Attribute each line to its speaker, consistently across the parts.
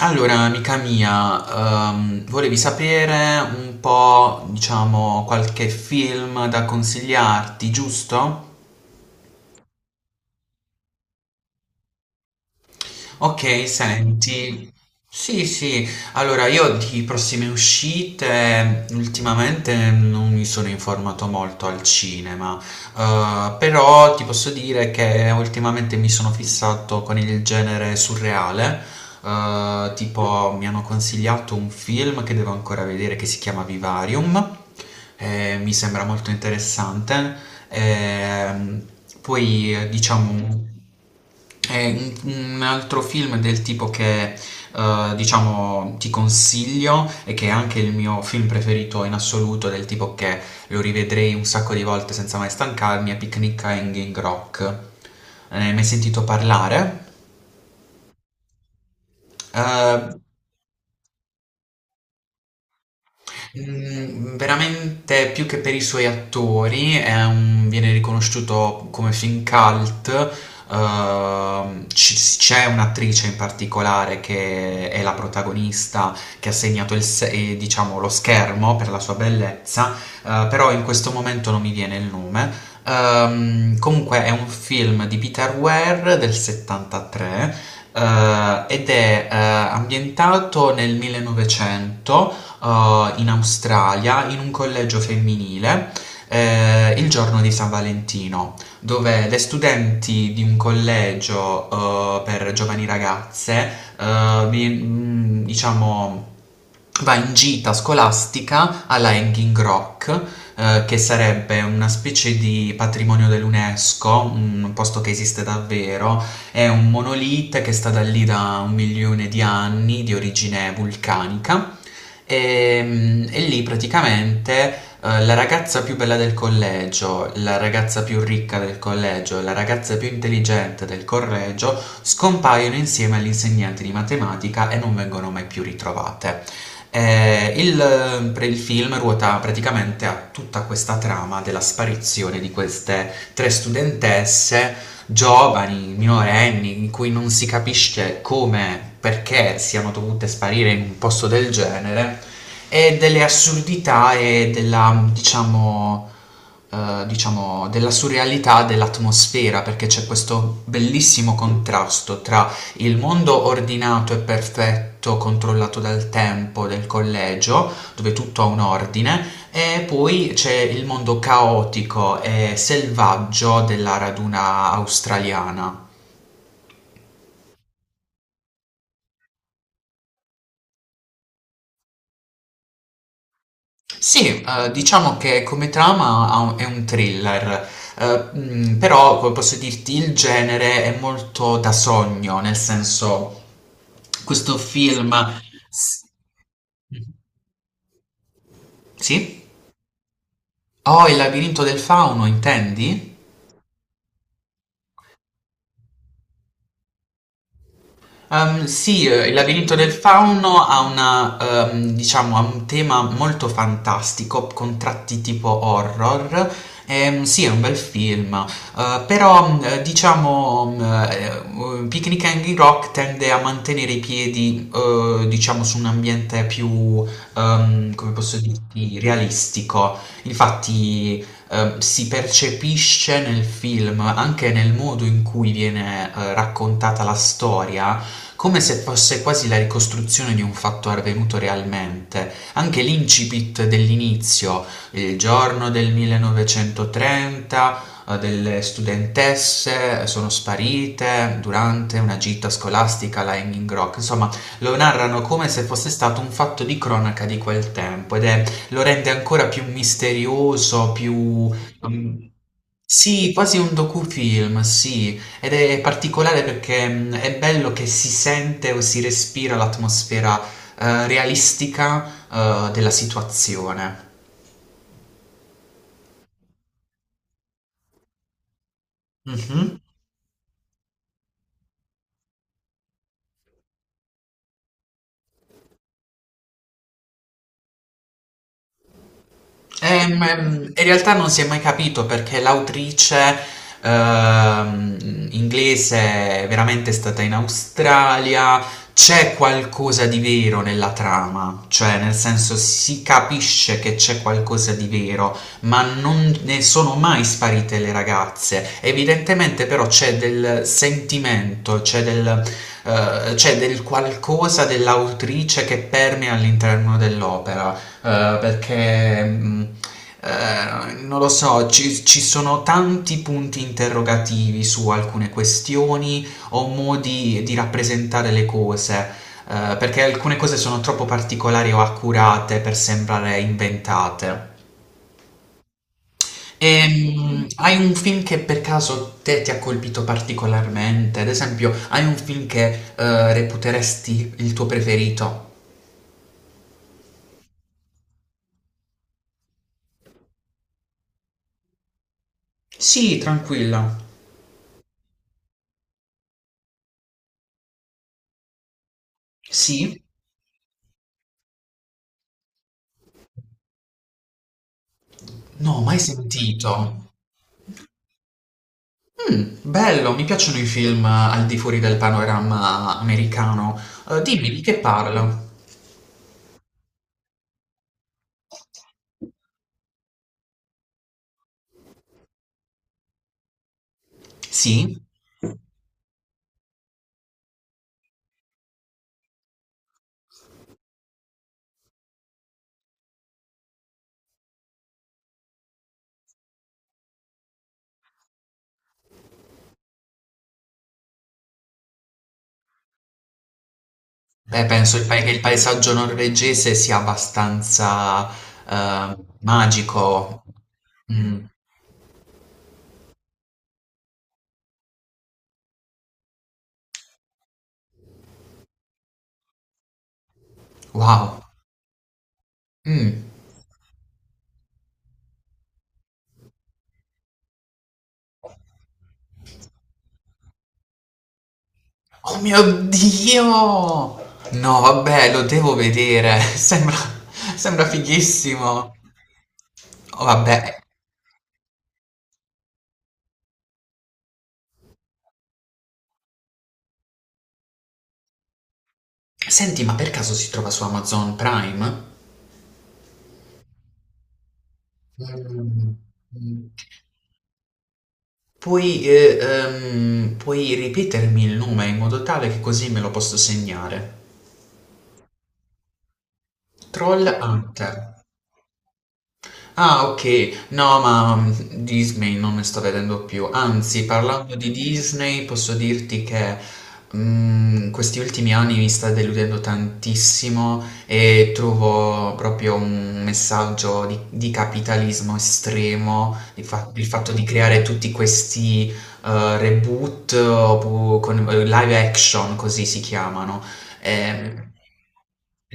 Speaker 1: Allora, amica mia, volevi sapere un po', diciamo, qualche film da consigliarti, giusto? Ok, senti. Sì, sì. Allora, io di prossime uscite ultimamente non mi sono informato molto al cinema, però ti posso dire che ultimamente mi sono fissato con il genere surreale. Tipo, mi hanno consigliato un film che devo ancora vedere che si chiama Vivarium. Mi sembra molto interessante. Ehm, Poi, diciamo. È un altro film del tipo che, diciamo, ti consiglio e che è anche il mio film preferito in assoluto, del tipo che lo rivedrei un sacco di volte senza mai stancarmi, è Picnic a Hanging Rock. Ne hai mai sentito parlare? Eh, Veramente più che per i suoi attori, viene riconosciuto come film cult. C'è un'attrice in particolare che è la protagonista che ha segnato il se- diciamo, lo schermo per la sua bellezza, però in questo momento non mi viene il nome. Comunque è un film di Peter Weir del 73, ed è ambientato nel 1900, in Australia in un collegio femminile, il giorno di San Valentino, dove le studenti di un collegio, per giovani ragazze, diciamo, va in gita scolastica alla Hanging Rock, che sarebbe una specie di patrimonio dell'UNESCO, un posto che esiste davvero, è un monolite che è stata lì da un milione di anni, di origine vulcanica, e lì praticamente, la ragazza più bella del collegio, la ragazza più ricca del collegio, la ragazza più intelligente del collegio scompaiono insieme all'insegnante di matematica e non vengono mai più ritrovate. Per il film ruota praticamente a tutta questa trama della sparizione di queste tre studentesse giovani, minorenni, in cui non si capisce come, perché siano dovute sparire in un posto del genere, e delle assurdità e diciamo, della surrealità dell'atmosfera, perché c'è questo bellissimo contrasto tra il mondo ordinato e perfetto controllato dal tempo del collegio, dove tutto ha un ordine, e poi c'è il mondo caotico e selvaggio della raduna australiana. Sì, diciamo che come trama è un thriller, però come posso dirti il genere è molto da sogno, nel senso questo film... s- Sì? Oh, il labirinto del fauno, intendi? Sì, il labirinto del fauno diciamo, ha un tema molto fantastico, con tratti tipo horror. Sì, è un bel film. Però, diciamo, Picnic Hanging Rock tende a mantenere i piedi, diciamo, su un ambiente più, come posso dirti, realistico. Infatti, si percepisce nel film, anche nel modo in cui viene, raccontata la storia come se fosse quasi la ricostruzione di un fatto avvenuto realmente. Anche l'incipit dell'inizio, il giorno del 1930, delle studentesse sono sparite durante una gita scolastica alla Hanging Rock. Insomma, lo narrano come se fosse stato un fatto di cronaca di quel tempo ed è, lo rende ancora più misterioso, più... mm, sì, quasi un docufilm, sì, ed è particolare perché è bello che si sente o si respira l'atmosfera, realistica, della situazione. Mhm. In realtà non si è mai capito perché l'autrice, ehm, inglese, è veramente stata in Australia. C'è qualcosa di vero nella trama, cioè nel senso si capisce che c'è qualcosa di vero, ma non ne sono mai sparite le ragazze. Evidentemente però c'è del sentimento, c'è del qualcosa dell'autrice che permea all'interno dell'opera, perché non lo so, ci sono tanti punti interrogativi su alcune questioni o modi di rappresentare le cose, perché alcune cose sono troppo particolari o accurate per sembrare inventate. E, hai un film che per caso te ti ha colpito particolarmente? Ad esempio, hai un film che reputeresti il tuo preferito? Sì, tranquilla. Sì? No, mai sentito. Mh, Bello, mi piacciono i film al di fuori del panorama americano. Dimmi di che parla? Sì? Beh, penso il paesaggio norvegese sia abbastanza, magico. Mh, wow. Mh. Oh mio Dio! No, vabbè, lo devo vedere. Sembra fighissimo. Oh, vabbè. Senti, ma per caso si trova su Amazon Prime? Mh, mh. Puoi ripetermi il nome in modo tale che così me lo posso segnare. Troll Hunter. Ah, ok. No, ma Disney non ne sto vedendo più. Anzi, parlando di Disney, posso dirti che questi ultimi anni mi sta deludendo tantissimo e trovo proprio un messaggio di capitalismo estremo, il fatto di creare tutti questi reboot, con live action, così si chiamano. Ehm,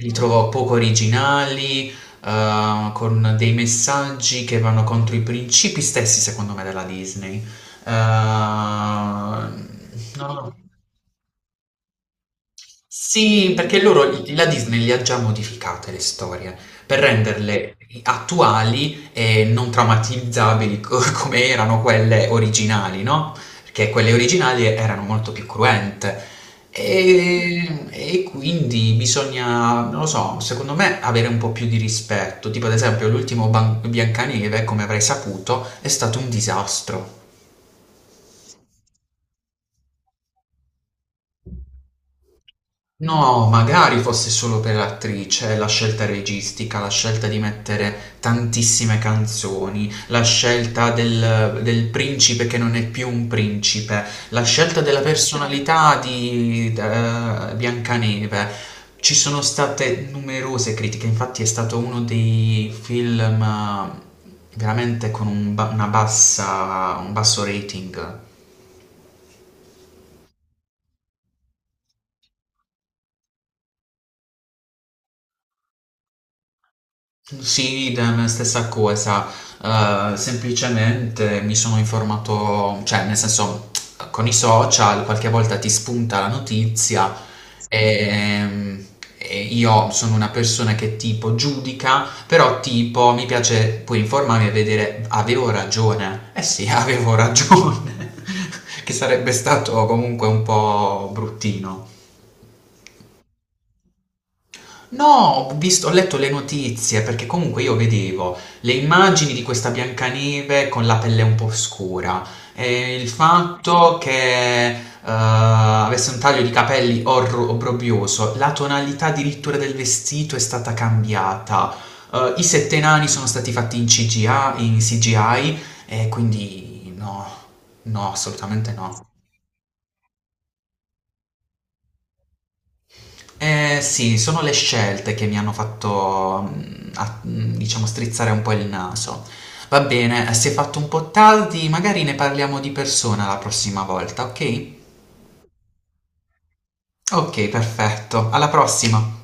Speaker 1: Li trovo poco originali, con dei messaggi che vanno contro i principi stessi, secondo me, della Disney. Non lo so. Sì, perché la Disney li ha già modificate le storie per renderle attuali e non traumatizzabili come erano quelle originali, no? Perché quelle originali erano molto più cruente. E quindi bisogna, non lo so, secondo me avere un po' più di rispetto. Tipo, ad esempio, l'ultimo Biancaneve, come avrai saputo, è stato un disastro. No, magari fosse solo per l'attrice, la scelta registica, la scelta di mettere tantissime canzoni, la scelta del principe che non è più un principe, la scelta della personalità di Biancaneve. Ci sono state numerose critiche, infatti è stato uno dei film veramente con un ba- una bassa, un basso rating. Sì, la stessa cosa. Semplicemente mi sono informato, cioè nel senso con i social qualche volta ti spunta la notizia, e, e io sono una persona che tipo giudica, però tipo mi piace poi informarmi e vedere avevo ragione, eh sì, avevo ragione, che sarebbe stato comunque un po' bruttino. No, ho visto, ho letto le notizie perché comunque io vedevo le immagini di questa Biancaneve con la pelle un po' scura e il fatto che avesse un taglio di capelli obbrobrioso, la tonalità addirittura del vestito è stata cambiata, i sette nani sono stati fatti in CGI e quindi no, no, assolutamente no. Eh sì, sono le scelte che mi hanno fatto, diciamo, strizzare un po' il naso. Va bene, si è fatto un po' tardi, magari ne parliamo di persona la prossima volta, ok? Ok, perfetto. Alla prossima.